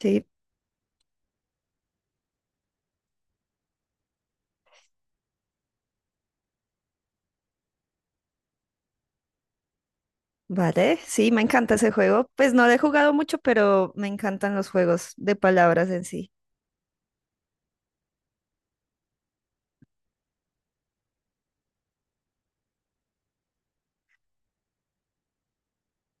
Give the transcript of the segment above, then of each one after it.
Sí, vale, sí, me encanta ese juego. Pues no lo he jugado mucho, pero me encantan los juegos de palabras en sí.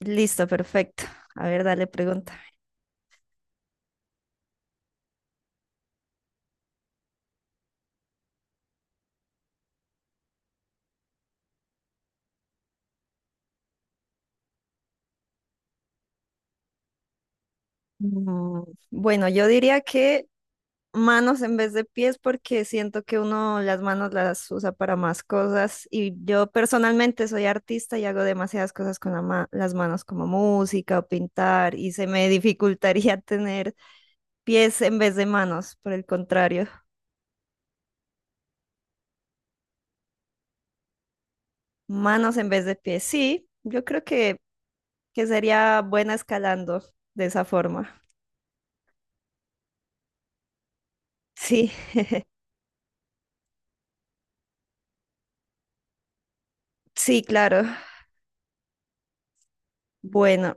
Listo, perfecto. A ver, dale pregunta. Mm, Bueno, yo diría que manos en vez de pies porque siento que uno las manos las usa para más cosas y yo personalmente soy artista y hago demasiadas cosas con las manos como música o pintar y se me dificultaría tener pies en vez de manos, por el contrario. Manos en vez de pies, sí. Yo creo que sería buena escalando de esa forma. Sí, sí, claro. Bueno,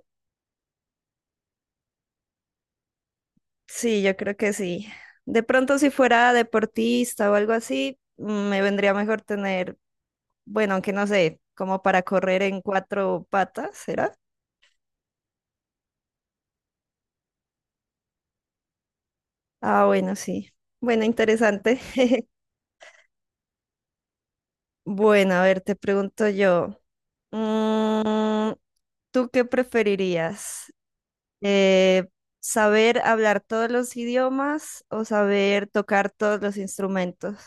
sí, yo creo que sí. De pronto si fuera deportista o algo así, me vendría mejor tener, bueno, aunque no sé, como para correr en cuatro patas, ¿será? Ah, bueno, sí. Bueno, interesante. Bueno, a ver, te pregunto yo. mm, ¿Tú qué preferirías? Eh, ¿Saber hablar todos los idiomas o saber tocar todos los instrumentos?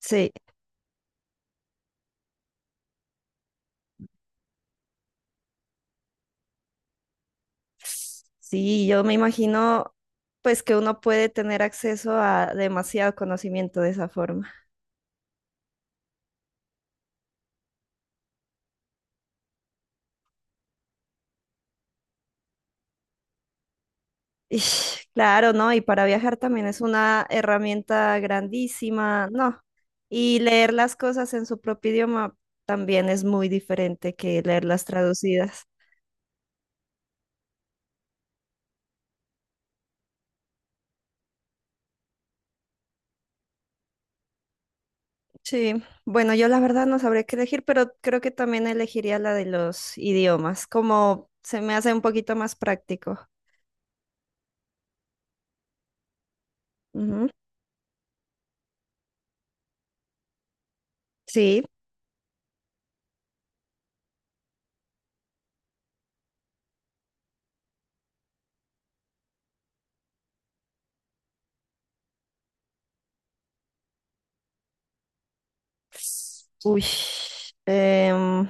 Sí, sí, yo me imagino pues que uno puede tener acceso a demasiado conocimiento de esa forma. Ish, claro, ¿no? Y para viajar también es una herramienta grandísima, ¿no? Y leer las cosas en su propio idioma también es muy diferente que leerlas traducidas. Sí, bueno, yo la verdad no sabré qué elegir, pero creo que también elegiría la de los idiomas, como se me hace un poquito más práctico. Ujú, sí. Uy. em,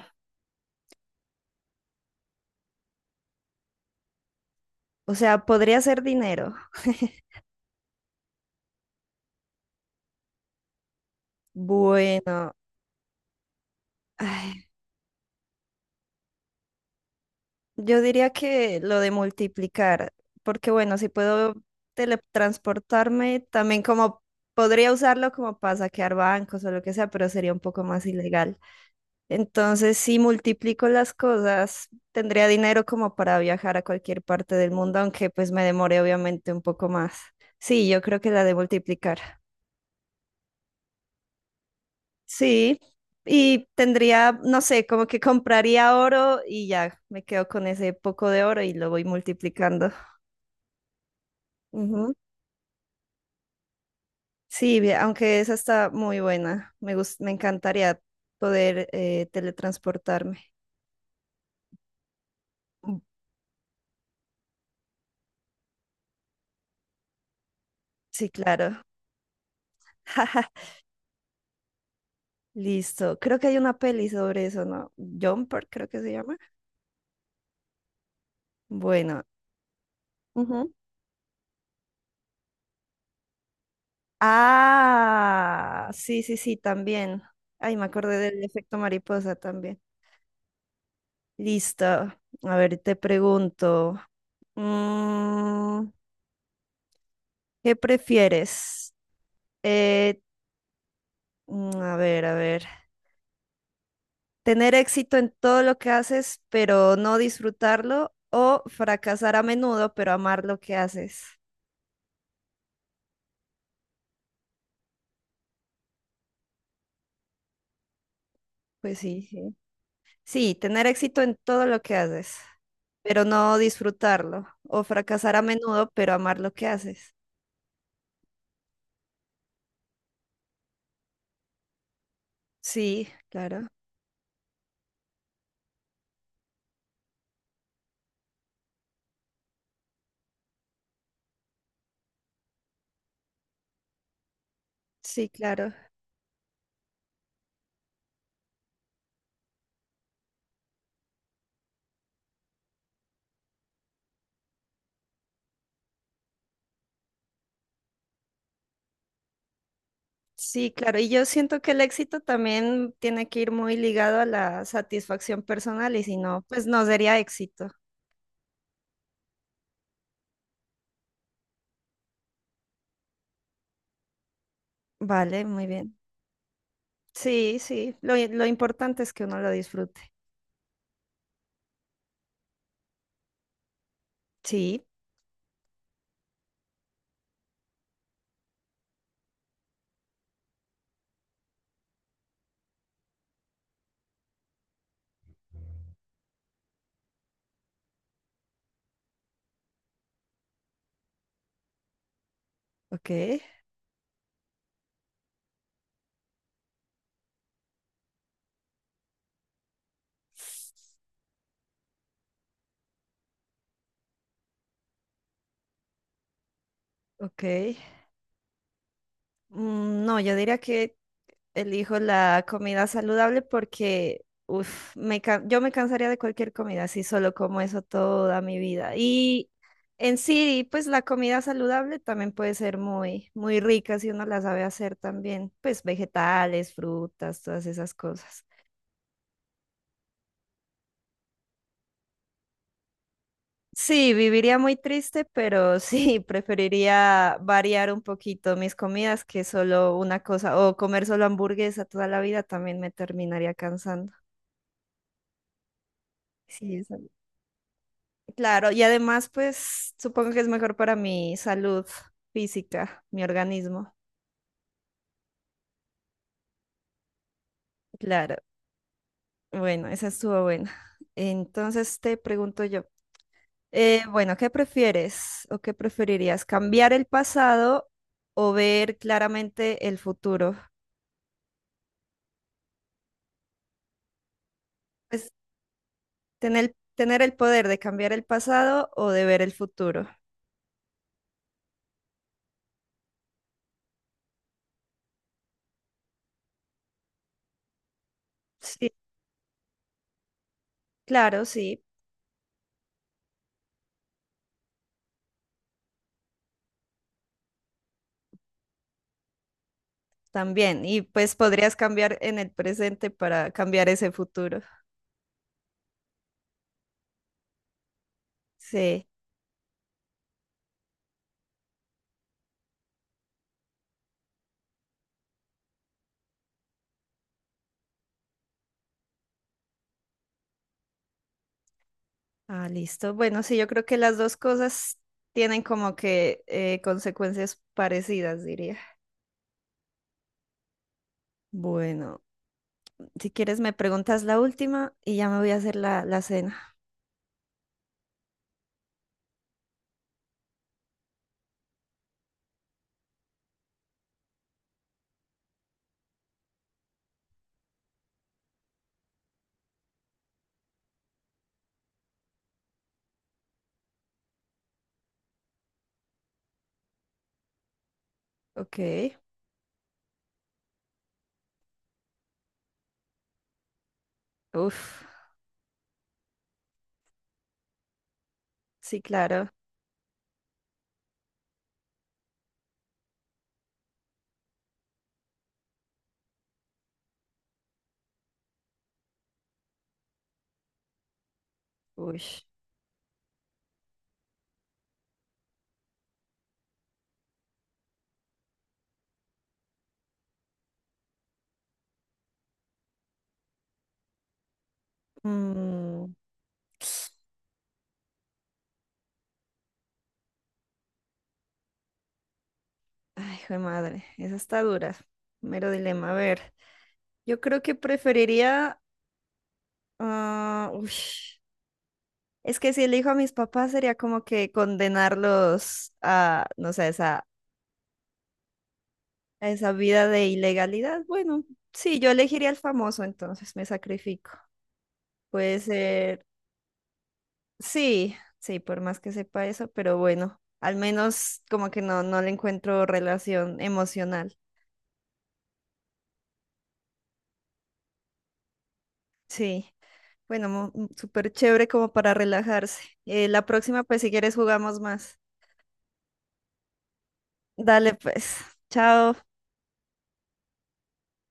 o sea, podría ser dinero. Bueno, ay, yo diría que lo de multiplicar, porque bueno, si puedo teletransportarme, también como podría usarlo como para saquear bancos o lo que sea, pero sería un poco más ilegal. Entonces, si multiplico las cosas, tendría dinero como para viajar a cualquier parte del mundo, aunque pues me demore obviamente un poco más. Sí, yo creo que la de multiplicar. Sí, y tendría, no sé, como que compraría oro y ya me quedo con ese poco de oro y lo voy multiplicando. Ujú. Sí, bien, aunque esa está muy buena. Me encantaría poder teletransportarme. Mm. Sí, claro. Listo. Creo que hay una peli sobre eso, ¿no? Jumper, creo que se llama. Bueno. Ujú. Ah, sí, sí, sí, también. Ay, me acordé del efecto mariposa también. Listo. A ver, te pregunto, mm, ¿qué prefieres? Eh, a ver, a ver. ¿Tener éxito en todo lo que haces, pero no disfrutarlo? ¿O fracasar a menudo, pero amar lo que haces? Pues sí, sí. Sí, tener éxito en todo lo que haces, pero no disfrutarlo, o fracasar a menudo, pero amar lo que haces. Sí, claro, sí, claro, sí, claro. Y yo siento que el éxito también tiene que ir muy ligado a la satisfacción personal y si no, pues no sería éxito. Vale, muy bien. Sí, sí, lo importante es que uno lo disfrute. Sí, ok, ok. No, yo diría que elijo la comida saludable porque uf, yo me cansaría de cualquier comida si solo como eso toda mi vida. Y en sí, pues la comida saludable también puede ser muy, muy rica si uno la sabe hacer también, pues vegetales, frutas, todas esas cosas. Sí, viviría muy triste, pero sí, preferiría variar un poquito mis comidas que solo una cosa, o comer solo hamburguesa toda la vida también me terminaría cansando. Sí, eso. Claro, y además, pues supongo que es mejor para mi salud física, mi organismo. Claro, bueno, esa estuvo buena. Entonces te pregunto yo, bueno, ¿qué prefieres o qué preferirías? ¿Cambiar el pasado o ver claramente el futuro? Pues tener el poder de cambiar el pasado o de ver el futuro. Sí, claro, sí, también. Y pues podrías cambiar en el presente para cambiar ese futuro. Sí. Ah, listo. Bueno, sí, yo creo que las dos cosas tienen como que consecuencias parecidas, diría. Bueno, si quieres me preguntas la última y ya me voy a hacer la cena. Ok. Uf, sí, claro. Uy. Mm, Ay, hijo de madre, esa está dura. Mero dilema. A ver, yo creo que preferiría... ah, uy. Es que si elijo a mis papás sería como que condenarlos a, no sé, a esa vida de ilegalidad. Bueno, sí, yo elegiría el famoso, entonces me sacrifico. Puede ser, sí, sí, por más que sepa eso, pero bueno, al menos como que no, no le encuentro relación emocional. Sí, bueno, súper chévere como para relajarse. La próxima, pues si quieres jugamos más. Dale, pues, chao.